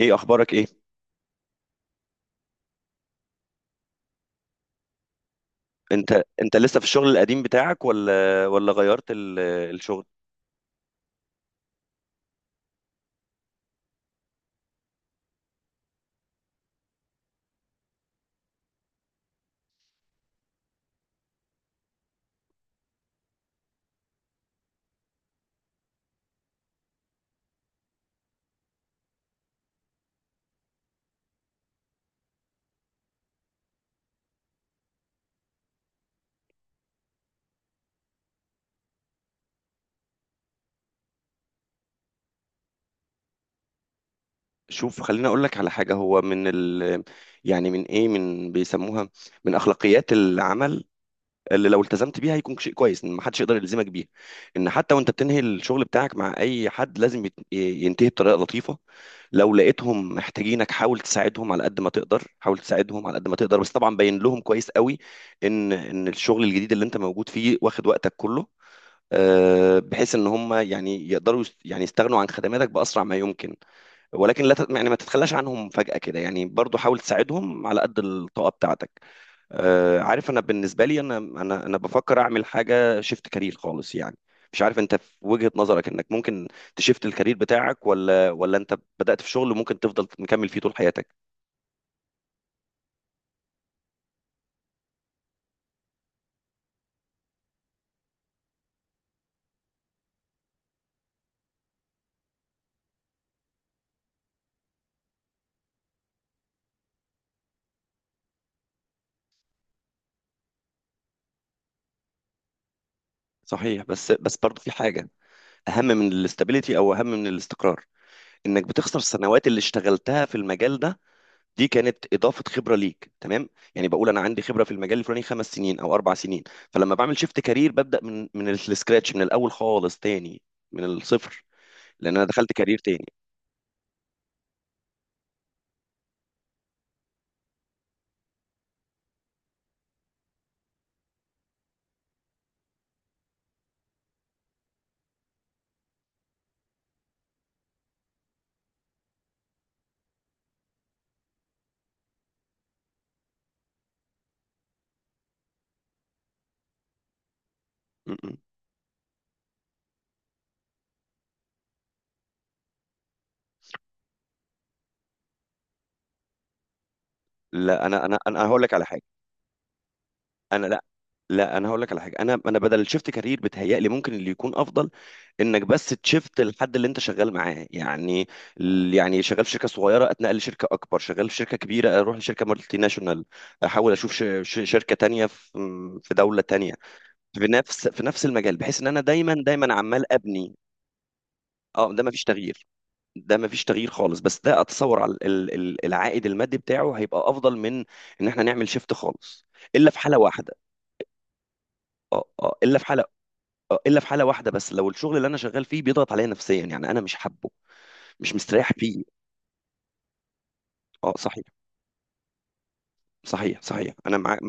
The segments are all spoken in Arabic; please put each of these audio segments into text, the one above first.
ايه اخبارك؟ ايه، انت لسه في الشغل القديم بتاعك، ولا غيرت الشغل؟ شوف، خليني اقول لك على حاجه. هو من ال يعني من ايه من بيسموها من اخلاقيات العمل، اللي لو التزمت بيها هيكون شيء كويس ان محدش يقدر يلزمك بيها. ان حتى وانت بتنهي الشغل بتاعك مع اي حد، لازم ينتهي بطريقه لطيفه. لو لقيتهم محتاجينك، حاول تساعدهم على قد ما تقدر، حاول تساعدهم على قد ما تقدر، بس طبعا بين لهم كويس قوي ان الشغل الجديد اللي انت موجود فيه واخد وقتك كله، بحيث ان هم يعني يقدروا يستغنوا عن خدماتك باسرع ما يمكن. ولكن لا ت- يعني ما تتخلاش عنهم فجأة كده، يعني برضو حاول تساعدهم على قد الطاقة بتاعتك. عارف، انا بالنسبة لي، انا بفكر اعمل حاجة شيفت كارير خالص يعني. مش عارف انت، في وجهة نظرك، انك ممكن تشيفت الكارير بتاعك، ولا انت بدأت في شغل ممكن تفضل مكمل فيه طول حياتك؟ صحيح، بس برضو في حاجة اهم من الاستابيليتي او اهم من الاستقرار. انك بتخسر السنوات اللي اشتغلتها في المجال ده. دي كانت اضافه خبره ليك، تمام؟ يعني بقول انا عندي خبره في المجال الفلاني خمس سنين او اربع سنين. فلما بعمل شيفت كارير، ببدا من السكراتش، من الاول خالص تاني، من الصفر، لان انا دخلت كارير تاني. م- م. لا انا انا انا هقول لك على حاجه انا لا لا، انا هقول لك على حاجه. انا انا بدل الشيفت كارير، بتهيألي ممكن اللي يكون افضل انك بس تشيفت الحد اللي انت شغال معاه، يعني شغال في شركه صغيره اتنقل لشركه اكبر، شغال في شركه كبيره اروح لشركه مالتي ناشونال، احاول اشوف شركه تانية في دوله تانية. في نفس المجال، بحيث ان انا دايما عمال ابني. اه، ده مفيش تغيير. ده مفيش تغيير خالص، بس ده اتصور على العائد المادي بتاعه هيبقى افضل من ان احنا نعمل شيفت خالص، الا في حاله واحده. اه، اه، الا في حاله، الا في حاله واحده، بس لو الشغل اللي انا شغال فيه بيضغط عليا نفسيا، يعني انا مش حابه، مش مستريح فيه. اه، صحيح. صحيح، انا معاك.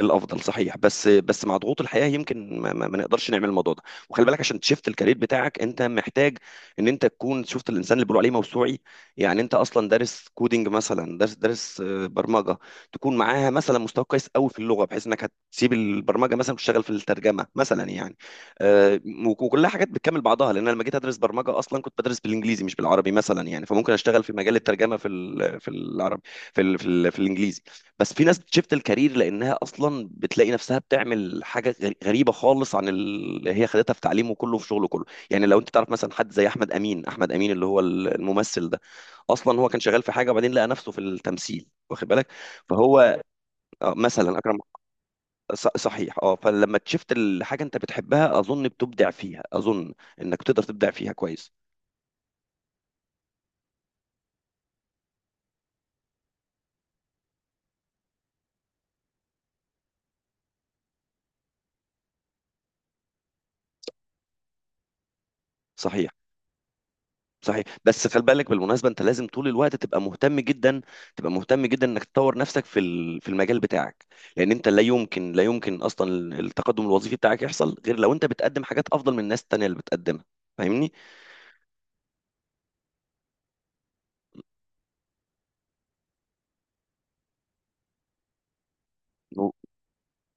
الافضل، صحيح، بس مع ضغوط الحياه يمكن ما نقدرش نعمل الموضوع ده. وخلي بالك، عشان تشفت الكارير بتاعك انت محتاج ان انت تكون شفت الانسان اللي بيقولوا عليه موسوعي. يعني انت اصلا دارس كودينج مثلا، دارس برمجه، تكون معاها مثلا مستوى كويس قوي في اللغه، بحيث انك هتسيب البرمجه مثلا وتشتغل في الترجمه مثلا يعني. آه، وكلها حاجات بتكمل بعضها، لان انا لما جيت ادرس برمجه اصلا كنت بدرس بالانجليزي مش بالعربي مثلا يعني، فممكن اشتغل في مجال الترجمه في في العربي، في في الانجليزي. بس في ناس بتشفت الكارير لانها اصلا بتلاقي نفسها بتعمل حاجه غريبه خالص عن اللي هي خدتها في تعليمه كله، في شغله كله. يعني لو انت تعرف مثلا حد زي احمد امين، احمد امين اللي هو الممثل ده، اصلا هو كان شغال في حاجه وبعدين لقى نفسه في التمثيل، واخد بالك؟ فهو مثلا اكرم. صحيح، اه. فلما تشفت الحاجه انت بتحبها، اظن بتبدع فيها، اظن انك تقدر تبدع فيها كويس. صحيح. صحيح، بس خلي بالك بالمناسبه، انت لازم طول الوقت تبقى مهتم جدا، تبقى مهتم جدا انك تطور نفسك في في المجال بتاعك. لان انت لا يمكن اصلا التقدم الوظيفي بتاعك يحصل غير لو انت بتقدم حاجات افضل من الناس التانيه اللي بتقدمها. فاهمني؟ و-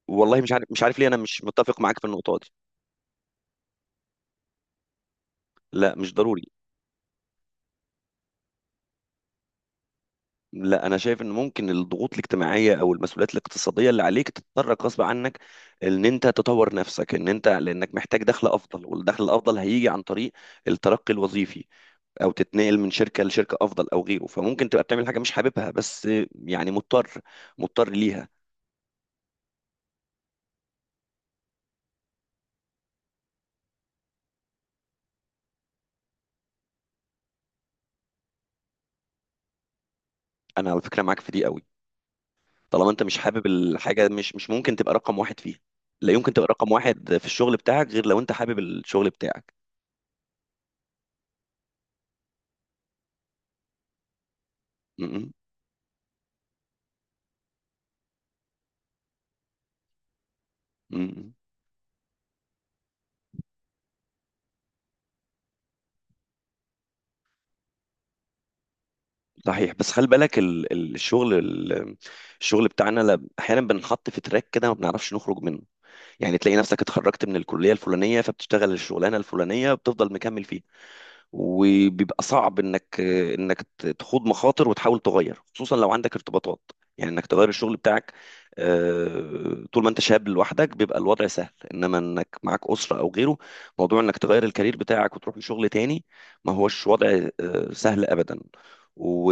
والله مش عارف، مش عارف ليه انا مش متفق معاك في النقطه دي. لا، مش ضروري. لا، انا شايف ان ممكن الضغوط الاجتماعيه او المسؤوليات الاقتصاديه اللي عليك تضطرك غصب عنك ان انت تطور نفسك، ان انت لانك محتاج دخل افضل، والدخل الافضل هيجي عن طريق الترقي الوظيفي، او تتنقل من شركه لشركه افضل او غيره. فممكن تبقى بتعمل حاجه مش حاببها، بس يعني مضطر، مضطر ليها. انا على فكره معاك في دي قوي. طالما انت مش حابب الحاجه، مش ممكن تبقى رقم واحد فيها. لا يمكن تبقى رقم واحد في الشغل بتاعك غير لو انت حابب الشغل بتاعك. م- م- م- صحيح. بس خلي بالك الشغل بتاعنا احيانا بنحط في تراك كده ما بنعرفش نخرج منه. يعني تلاقي نفسك اتخرجت من الكليه الفلانيه، فبتشتغل الشغلانه الفلانيه، بتفضل مكمل فيها، وبيبقى صعب انك تخوض مخاطر وتحاول تغير، خصوصا لو عندك ارتباطات، يعني انك تغير الشغل بتاعك. طول ما انت شاب لوحدك بيبقى الوضع سهل، انما انك معاك اسره او غيره، موضوع انك تغير الكارير بتاعك وتروح لشغل تاني، ما هوش وضع سهل ابدا. و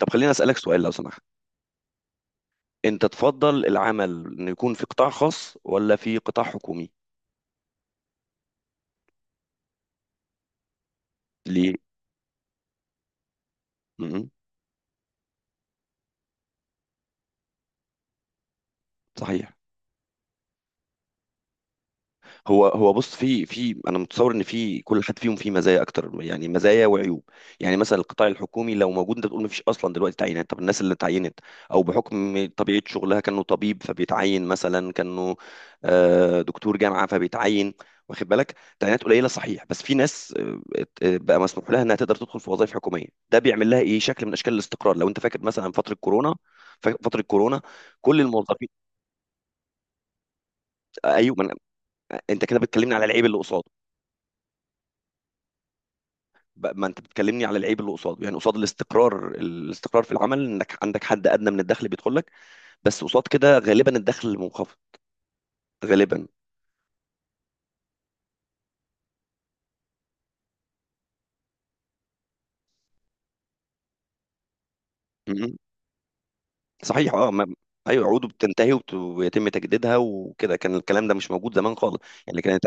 طب خليني اسالك سؤال لو سمحت. انت تفضل العمل انه يكون في قطاع خاص ولا في قطاع حكومي؟ ليه؟ م- م. صحيح. هو، بص، في انا متصور ان في كل حد فيهم فيه مزايا اكتر، يعني مزايا وعيوب. يعني مثلا القطاع الحكومي لو موجود، انت تقول ما فيش اصلا دلوقتي تعيينات. طب الناس اللي اتعينت، او بحكم طبيعه شغلها كانه طبيب فبيتعين مثلا، كانه دكتور جامعه فبيتعين، واخد بالك؟ تعيينات قليله، صحيح، بس في ناس بقى مسموح لها انها تقدر تدخل في وظائف حكوميه. ده بيعمل لها ايه؟ شكل من اشكال الاستقرار. لو انت فاكر مثلا فتره كورونا، فتره كورونا، كل الموظفين. ايوه. ما أنا- انت كده بتكلمني على العيب اللي قصاد. ما انت بتكلمني على العيب اللي قصاده، يعني قصاد الاستقرار. الاستقرار في العمل انك عندك حد ادنى من الدخل بيدخل لك، بس قصاد كده غالبا الدخل منخفض، غالبا. م-م. صحيح، اه، ما... ايوه، عقوده بتنتهي وبت... ويتم تجديدها، وكده. كان الكلام ده مش موجود زمان خالص. يعني كانت.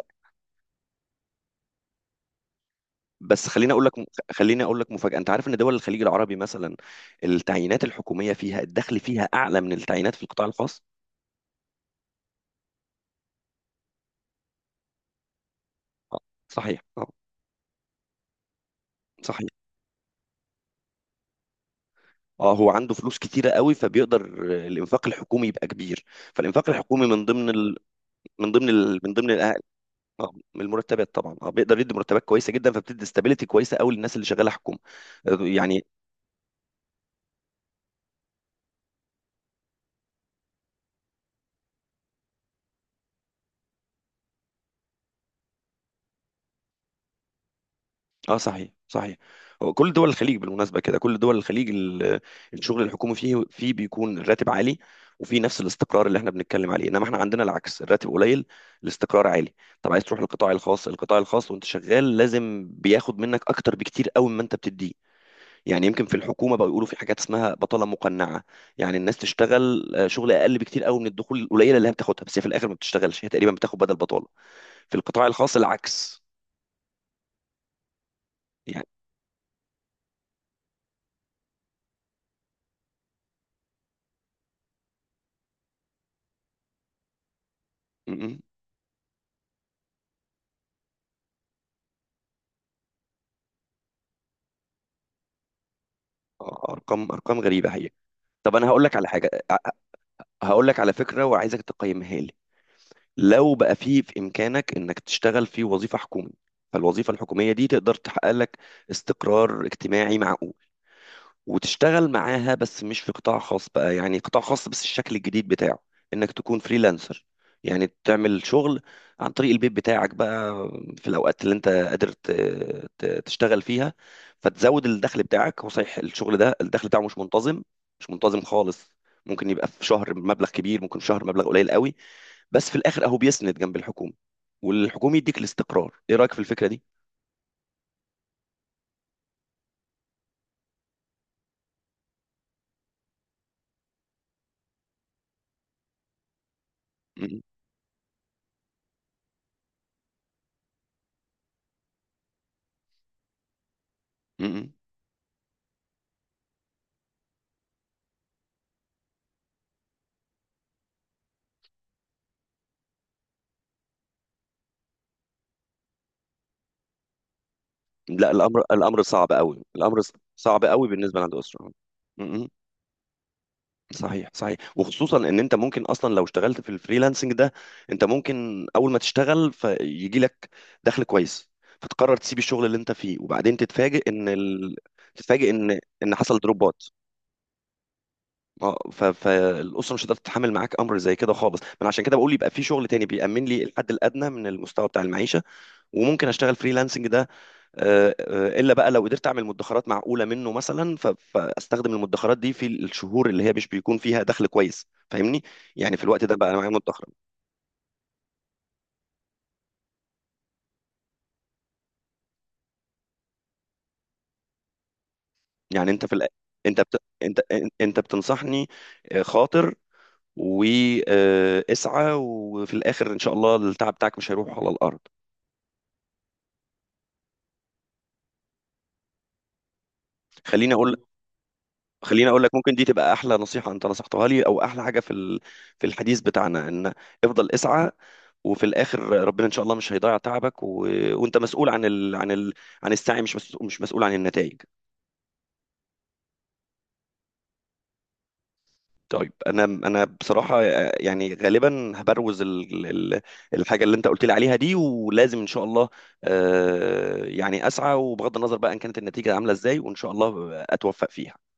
بس خليني اقول لك، خليني اقول لك مفاجاه. انت عارف ان دول الخليج العربي مثلا التعيينات الحكوميه فيها، الدخل فيها اعلى من التعيينات في القطاع الخاص؟ آه، صحيح، اه. صحيح، اه. هو عنده فلوس كتيرة قوي، فبيقدر الانفاق الحكومي يبقى كبير. فالانفاق الحكومي من ضمن ال... من ضمن ال... من المرتبات طبعا، اه، بيقدر يدي مرتبات كويسة جدا، فبتدي استابيليتي كويسة قوي للناس اللي شغالة حكومة، يعني. اه، صحيح، صحيح. هو كل دول الخليج بالمناسبة كده، كل دول الخليج الشغل الحكومي فيه، بيكون الراتب عالي، وفي نفس الاستقرار اللي احنا بنتكلم عليه. انما احنا عندنا العكس، الراتب قليل، الاستقرار عالي. طب عايز تروح للقطاع الخاص؟ القطاع الخاص وانت شغال لازم بياخد منك اكتر بكتير قوي مما انت بتديه. يعني يمكن في الحكومه بقى يقولوا في حاجات اسمها بطاله مقنعه، يعني الناس تشتغل شغل اقل بكتير قوي من الدخول القليله اللي هي بتاخدها، بس هي في الاخر ما بتشتغلش، هي تقريبا بتاخد بدل بطاله. في القطاع الخاص العكس، يعني. م- م. ارقام، ارقام غريبه هي. طب انا هقول لك على حاجه، هقول لك على فكره وعايزك تقيمها لي. لو بقى في امكانك انك تشتغل في وظيفه حكومي، فالوظيفه الحكوميه دي تقدر تحقق لك استقرار اجتماعي معقول، وتشتغل معاها بس مش في قطاع خاص بقى، يعني قطاع خاص بس الشكل الجديد بتاعه، انك تكون فريلانسر. يعني تعمل شغل عن طريق البيت بتاعك بقى، في الاوقات اللي انت قادر تشتغل فيها، فتزود الدخل بتاعك. هو صحيح الشغل ده الدخل بتاعه مش منتظم، مش منتظم خالص. ممكن يبقى في شهر مبلغ كبير، ممكن في شهر مبلغ قليل قوي، بس في الاخر اهو بيسند جنب الحكومة، والحكومة يديك الاستقرار. ايه رأيك في الفكرة دي؟ م- م- م. لا، الامر صعب قوي. الامر صعب قوي بالنسبه لعند اسره. م-م. صحيح، صحيح، وخصوصا ان انت ممكن اصلا لو اشتغلت في الفريلانسنج ده، انت ممكن اول ما تشتغل فيجي لك دخل كويس، فتقرر تسيب الشغل اللي انت فيه، وبعدين تتفاجئ ان ال... تتفاجئ ان حصل دروبات. اه، ف... فالاسره مش هتقدر تتحمل معاك امر زي كده خالص. من عشان كده بقول يبقى في شغل تاني بيأمن لي الحد الادنى من المستوى بتاع المعيشه، وممكن اشتغل فريلانسنج ده الا بقى لو قدرت اعمل مدخرات معقوله منه مثلا، فاستخدم المدخرات دي في الشهور اللي هي مش بيكون فيها دخل كويس. فاهمني؟ يعني في الوقت ده بقى انا معايا مدخره. يعني انت في انت بت... انت انت بتنصحني خاطر واسعى، وفي الاخر ان شاء الله التعب بتاعك مش هيروح على الارض. خليني اقول خليني اقول لك، ممكن دي تبقى احلى نصيحه انت نصحتها لي، او احلى حاجه في في الحديث بتاعنا، ان افضل اسعى، وفي الاخر ربنا ان شاء الله مش هيضيع تعبك، و... وانت مسؤول عن عن السعي، مش مسؤول عن النتائج. طيب، انا، بصراحه يعني غالبا هبروز الحاجه اللي انت قلت لي عليها دي، ولازم ان شاء الله يعني اسعى، وبغض النظر بقى ان كانت النتيجه عامله ازاي، وان شاء الله اتوفق فيها.